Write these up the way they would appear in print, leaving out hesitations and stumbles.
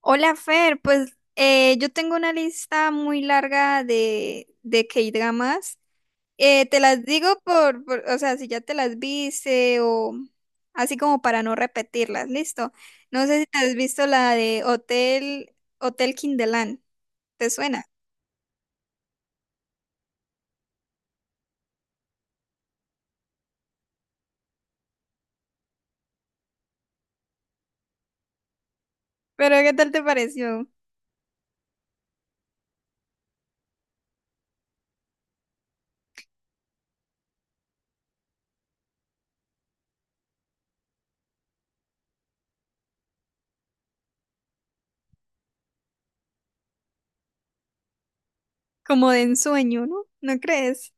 Hola Fer, pues yo tengo una lista muy larga de K-dramas. Te las digo o sea, si ya te las viste o así como para no repetirlas, listo. No sé si te has visto la de Hotel, Hotel Kinderland, ¿te suena? Pero ¿qué tal te pareció? Como de ensueño, ¿no? ¿No crees?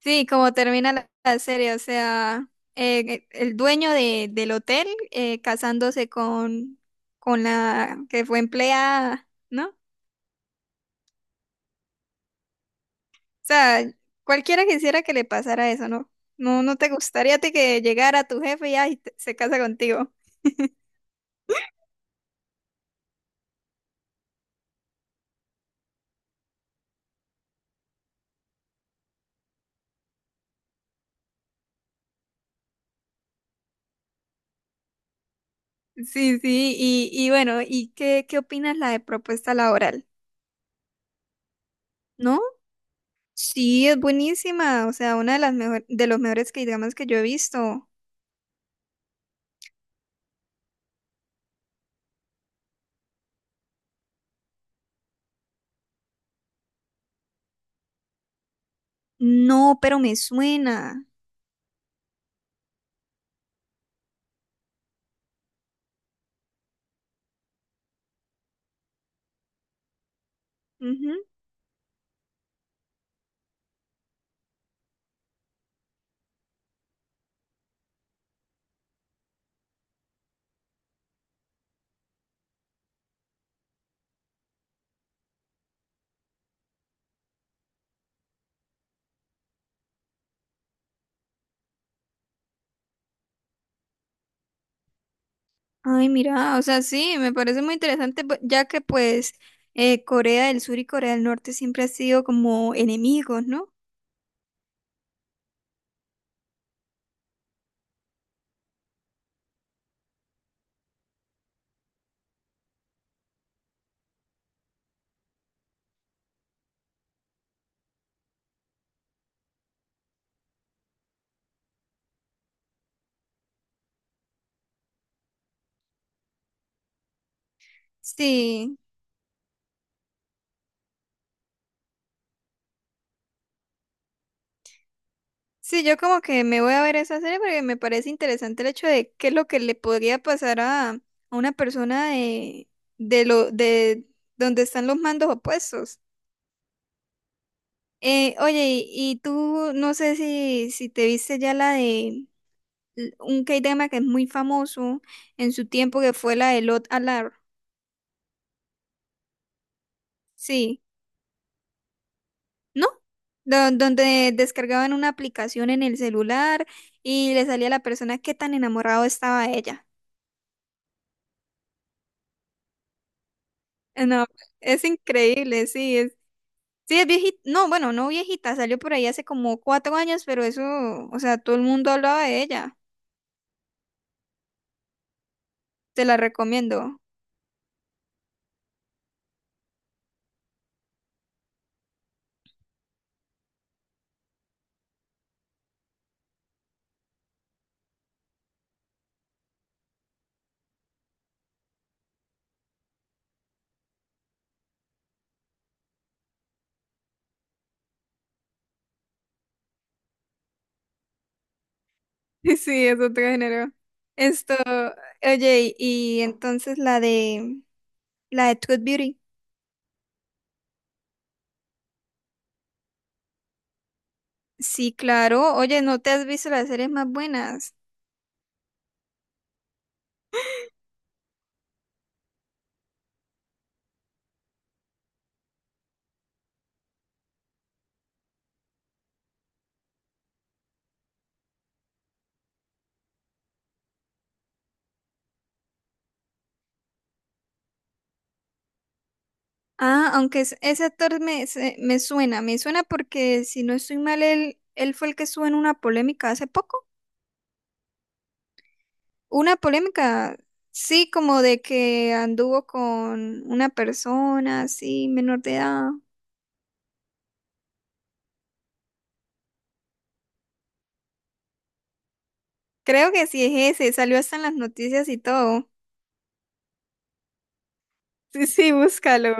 Sí, como termina la serie, o sea, el dueño del hotel casándose con la que fue empleada, ¿no? O sea, cualquiera quisiera que le pasara eso, ¿no? No, no te gustaría a ti que llegara tu jefe y ay, se casa contigo. Sí, sí, y bueno, ¿y qué, qué opinas la de propuesta laboral? ¿No? Sí, es buenísima, o sea, una de las mejor, de los mejores que digamos que yo he visto. No, pero me suena. Ujú. Ay, mira, o sea, sí, me parece muy interesante, ya que pues Corea del Sur y Corea del Norte siempre han sido como enemigos, ¿no? Sí, sí, yo como que me voy a ver esa serie porque me parece interesante el hecho de qué es lo que le podría pasar a una persona de donde están los mandos opuestos. Oye, y tú no sé si, si te viste ya la de un K-drama que es muy famoso en su tiempo que fue la de Lot Alar. Sí. No, donde descargaban una aplicación en el celular y le salía a la persona qué tan enamorado estaba de ella. No, es increíble, sí, es viejita, no, bueno, no viejita, salió por ahí hace como 4 años, pero eso, o sea, todo el mundo hablaba de ella, te la recomiendo. Sí, es otro género. Esto, oye, y entonces la de Truth Beauty. Sí, claro, oye, ¿no te has visto las series más buenas? Ah, aunque ese actor me, me suena porque si no estoy mal, él fue el que estuvo en una polémica hace poco. Una polémica, sí, como de que anduvo con una persona así, menor de edad. Creo que sí es ese, salió hasta en las noticias y todo. Sí, sí, búscalo.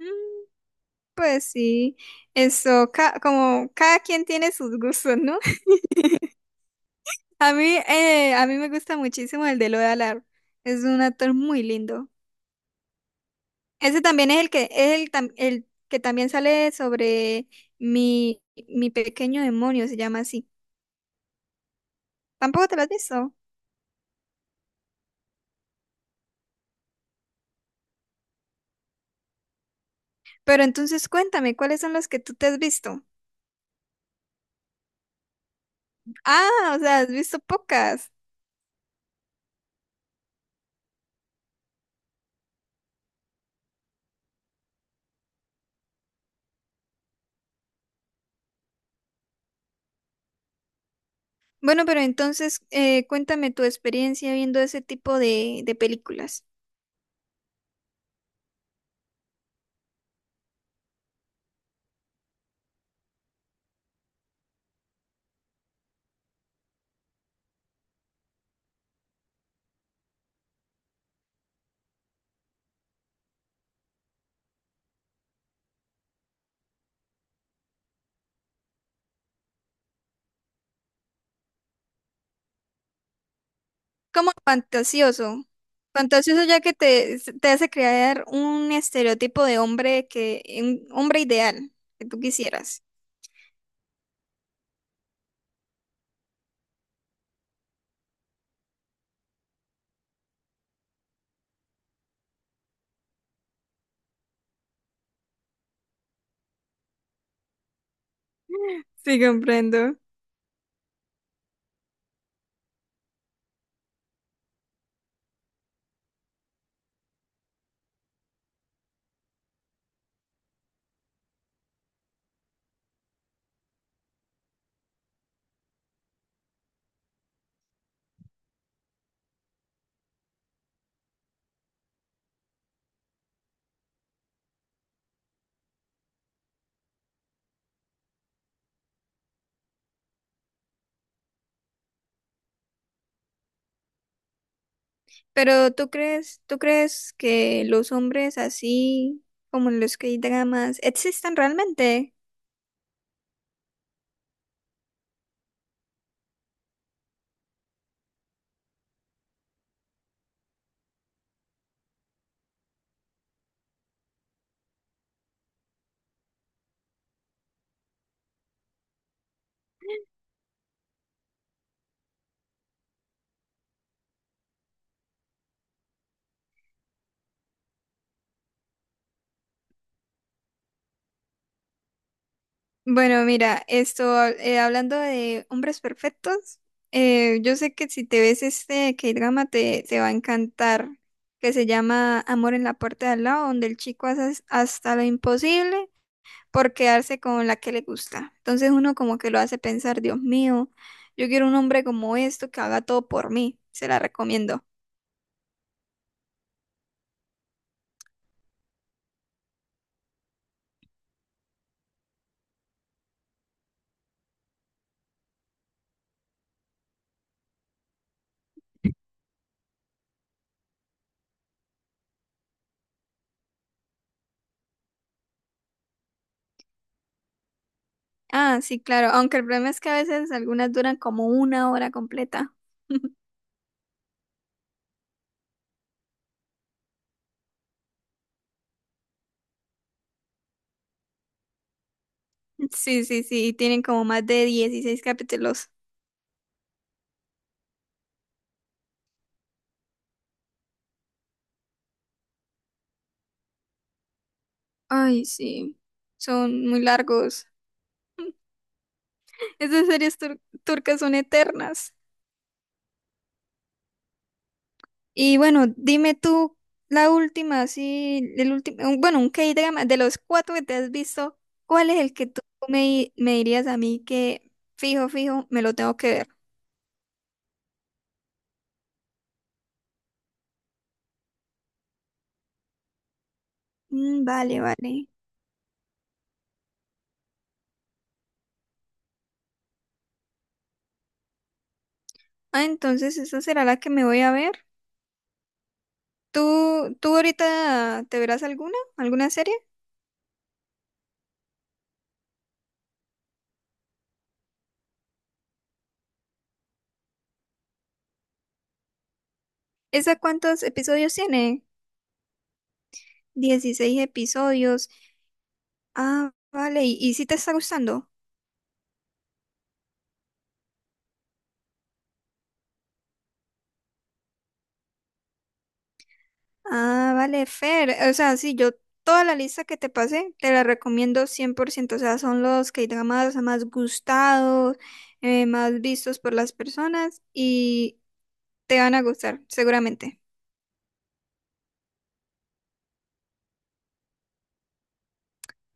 Mm, pues sí, eso, como cada quien tiene sus gustos, ¿no? A mí me gusta muchísimo el de Lola Lar. Es un actor muy lindo. Ese también es el que es el, el que también sale sobre mi, mi pequeño demonio, se llama así. Tampoco te lo has visto. Pero entonces cuéntame, ¿cuáles son los que tú te has visto? Ah, o sea, has visto pocas. Bueno, pero entonces cuéntame tu experiencia viendo ese tipo de películas. Como fantasioso. Fantasioso ya que te hace crear un estereotipo de hombre que, un hombre ideal que tú quisieras. Sí, comprendo. Pero tú crees que los hombres así como los que hay dramas existen realmente? Bueno, mira, esto hablando de hombres perfectos, yo sé que si te ves este K-drama te, te va a encantar, que se llama Amor en la puerta de al lado, donde el chico hace hasta lo imposible por quedarse con la que le gusta. Entonces uno como que lo hace pensar, Dios mío, yo quiero un hombre como esto que haga todo por mí, se la recomiendo. Ah, sí, claro, aunque el problema es que a veces algunas duran como una hora completa. Sí, sí, sí, tienen como más de 16 capítulos. Ay, sí, son muy largos. Esas series turcas son eternas. Y bueno, dime tú la última, así, el último, bueno, un K-drama, de los cuatro que te has visto, ¿cuál es el que tú me, me dirías a mí que fijo, fijo, me lo tengo que ver? Mm, vale, vale. Ah, entonces esa será la que me voy a ver. ¿Tú, tú ahorita te verás alguna, alguna serie? ¿Esa cuántos episodios tiene? 16 episodios. Ah, vale, y si te está gustando. Ah, vale, Fer. O sea, sí, yo toda la lista que te pasé te la recomiendo 100%. O sea, son los K-dramas más gustados, más vistos por las personas y te van a gustar, seguramente.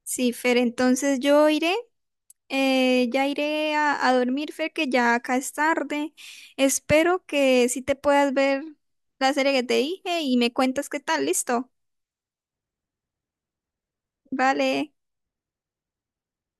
Sí, Fer, entonces yo iré, ya iré a dormir, Fer, que ya acá es tarde. Espero que sí te puedas ver la serie que te dije y me cuentas qué tal, listo. Vale.